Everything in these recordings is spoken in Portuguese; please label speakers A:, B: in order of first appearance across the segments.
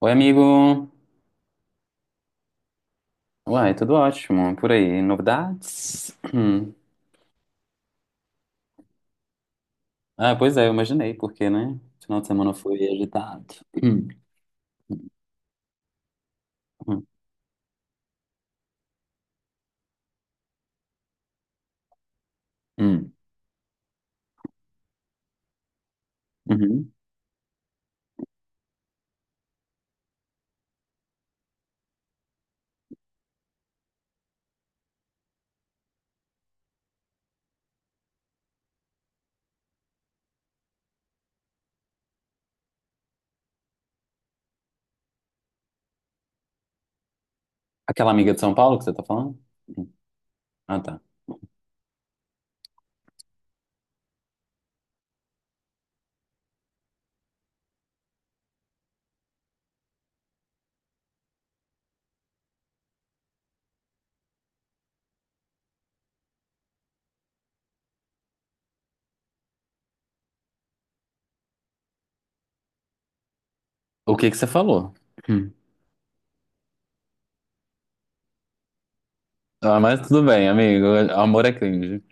A: Oi, amigo. Uai, tudo ótimo. Por aí, novidades? Hum. Ah, pois é, eu imaginei, porque, né? Final de semana foi agitado. Hum, hum, hum, uhum. Aquela amiga de São Paulo que você tá falando? Hum. Ah, tá. O que que você falou? Hum. Ah, mas tudo bem, amigo. Amor é cringe.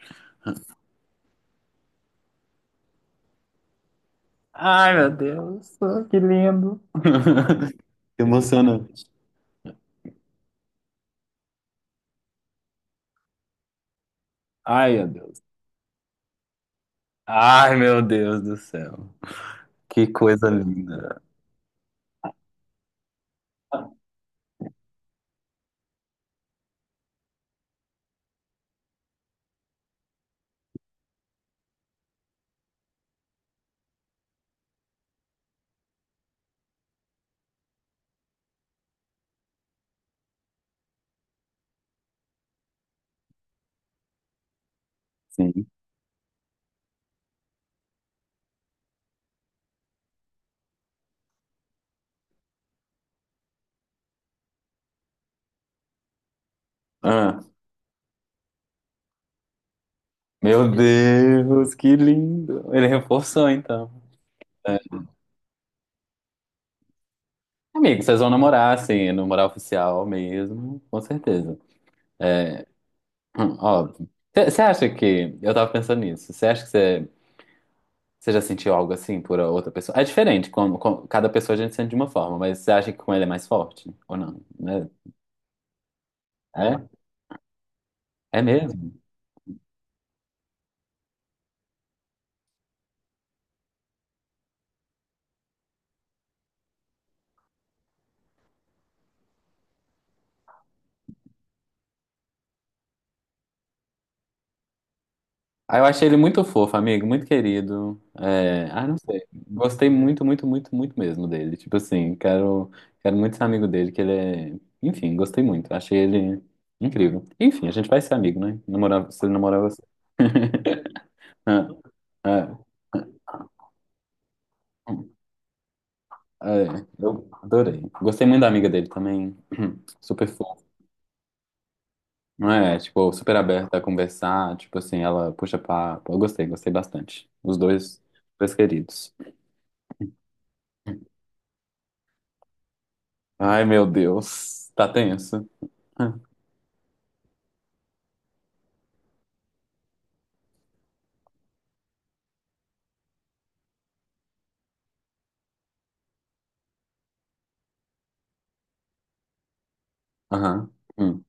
A: Ai, meu Deus, que lindo. Emocionante. Ai, meu Deus. Ai, meu Deus do céu. Que coisa linda. Sim. Ah. Meu Deus, que lindo. Ele reforçou, então. É. Amigo, vocês vão namorar, assim, namorar oficial mesmo, com certeza. Hum. Óbvio. Você acha que. Eu tava pensando nisso. Você acha que você. Já sentiu algo assim por outra pessoa? É diferente, cada pessoa a gente sente de uma forma, mas você acha que com ele é mais forte? Ou não? Né? É? É mesmo? Ah, eu achei ele muito fofo, amigo, muito querido. É, ah, não sei. Gostei muito, muito, muito, muito mesmo dele. Tipo assim, quero muito ser amigo dele, que ele é. Enfim, gostei muito. Achei ele incrível. Enfim, a gente vai ser amigo, né? Namorar, se ele namorar você. Ah, ah, ah, é, eu adorei. Gostei muito da amiga dele também. Super fofa. Não é? Tipo, super aberta a conversar. Tipo assim, ela puxa papo. Eu gostei, gostei bastante. Os dois, dois queridos. Ai, meu Deus. Tá tenso. Aham. Hum.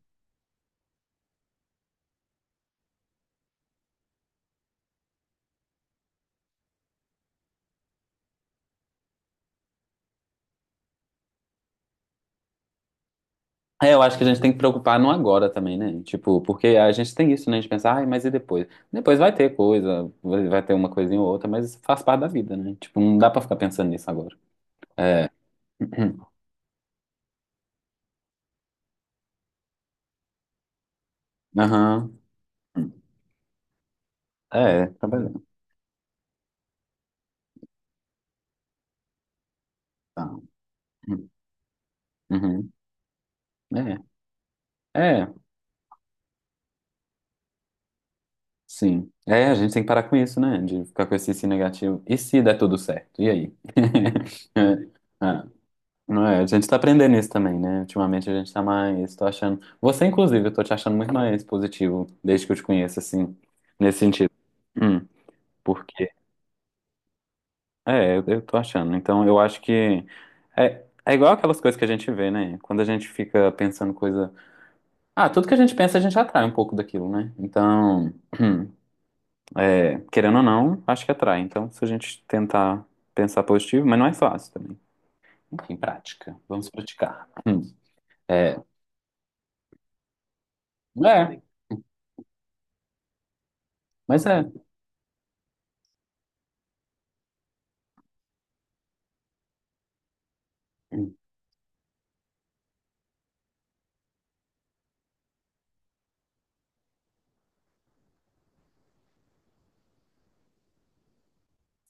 A: É, eu acho que a gente tem que preocupar no agora também, né? Tipo, porque a gente tem isso, né? A gente pensa, ai, mas e depois? Depois vai ter coisa, vai ter uma coisinha ou outra, mas isso faz parte da vida, né? Tipo, não dá pra ficar pensando nisso agora. É. Aham. É, trabalhando. Tá. Uhum. É, é, sim. É, a gente tem que parar com isso, né? De ficar com esse se negativo. E se der tudo certo? E aí? É. Ah. Não é, a gente tá aprendendo isso também, né? Ultimamente a gente tá mais, tô achando. Você, inclusive, eu tô te achando muito mais positivo desde que eu te conheço, assim, nesse sentido. Hum, porque, é, eu tô achando. Então, eu acho que é, é igual aquelas coisas que a gente vê, né? Quando a gente fica pensando coisa. Ah, tudo que a gente pensa, a gente atrai um pouco daquilo, né? Então, é, querendo ou não, acho que atrai. Então, se a gente tentar pensar positivo, mas não é fácil também. Enfim, prática. Vamos praticar. Hum. É, é, mas é.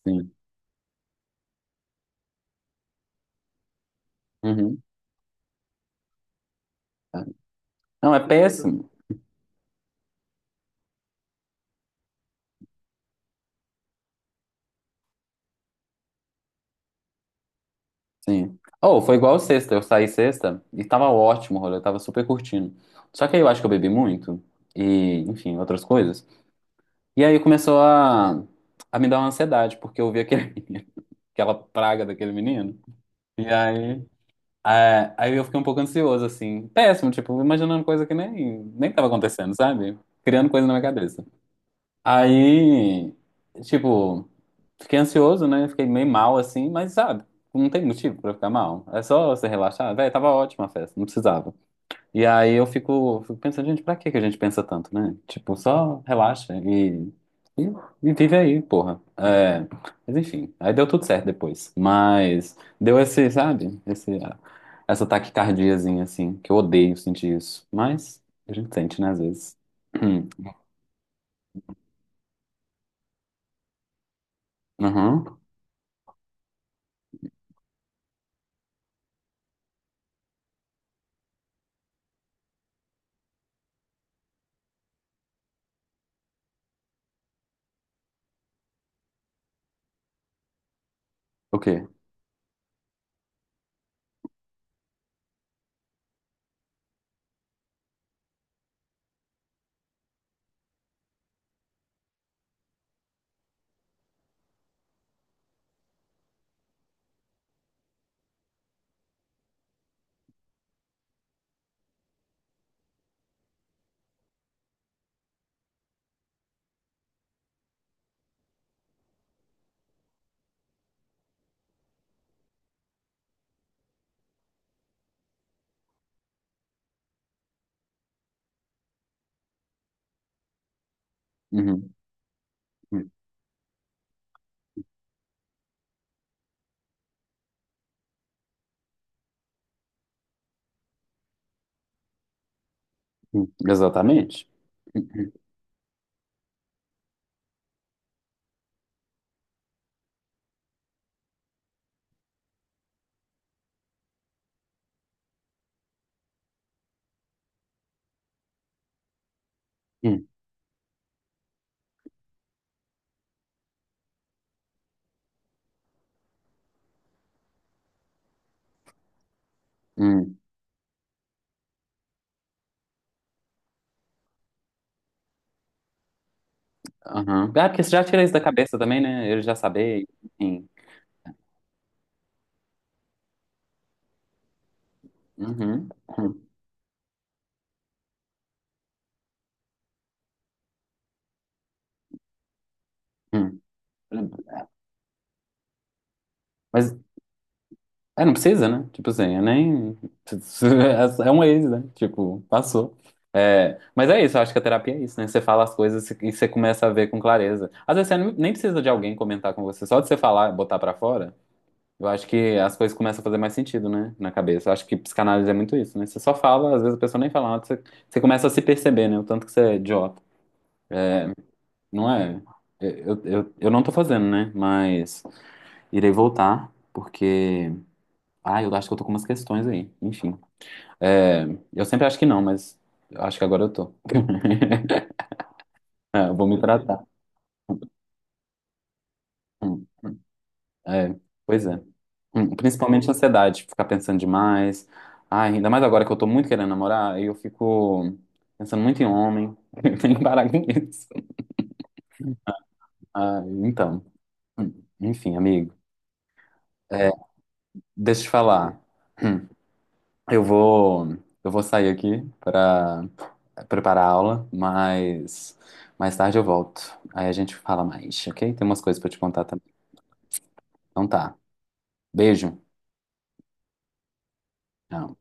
A: Sim. Uhum. É. Não, é péssimo. Sim. Oh, foi igual sexta. Eu saí sexta e tava ótimo o rolê, eu tava super curtindo. Só que aí eu acho que eu bebi muito e, enfim, outras coisas. E aí começou a, me dar uma ansiedade, porque eu vi aquele, aquela praga daquele menino. E aí, é, aí eu fiquei um pouco ansioso, assim. Péssimo, tipo, imaginando coisa que nem tava acontecendo, sabe? Criando coisa na minha cabeça. Aí, tipo, fiquei ansioso, né? Fiquei meio mal assim, mas sabe, não tem motivo pra ficar mal. É só você relaxar. Véi, tava ótima a festa, não precisava. E aí eu fico, pensando, gente, pra que que a gente pensa tanto, né? Tipo, só relaxa e, e, vive aí, porra. É, mas enfim, aí deu tudo certo depois. Mas deu esse, sabe, esse, essa taquicardiazinha assim, que eu odeio sentir isso. Mas a gente sente, né, às vezes. Uhum. O quê? Uhum. Hum, exatamente. Hum, hum, hum, aham. Ah, porque você já tira isso da cabeça também, né? Ele já saber, enfim. Uhum, hum, hum. Mas é, não precisa, né? Tipo assim, eu nem. É um ex, né? Tipo, passou. É, mas é isso, eu acho que a terapia é isso, né? Você fala as coisas e você começa a ver com clareza. Às vezes você nem precisa de alguém comentar com você, só de você falar, botar pra fora, eu acho que as coisas começam a fazer mais sentido, né? Na cabeça. Eu acho que psicanálise é muito isso, né? Você só fala, às vezes a pessoa nem fala nada, você, você começa a se perceber, né? O tanto que você é idiota. Não é? Eu não tô fazendo, né? Mas irei voltar, porque. Ah, eu acho que eu tô com umas questões aí. Enfim. É, eu sempre acho que não, mas eu acho que agora eu tô. É, eu vou me tratar. Hum. É, pois é. Hum. Principalmente ansiedade, ficar pensando demais. Ai, ainda mais agora que eu tô muito querendo namorar, aí eu fico pensando muito em homem. Eu tenho que parar com isso. Ah, então, hum, enfim, amigo. É, deixa eu te falar. Hum. Eu vou, eu vou sair aqui para preparar a aula, mas mais tarde eu volto. Aí a gente fala mais, ok? Tem umas coisas para te contar também. Então tá. Beijo. Tchau.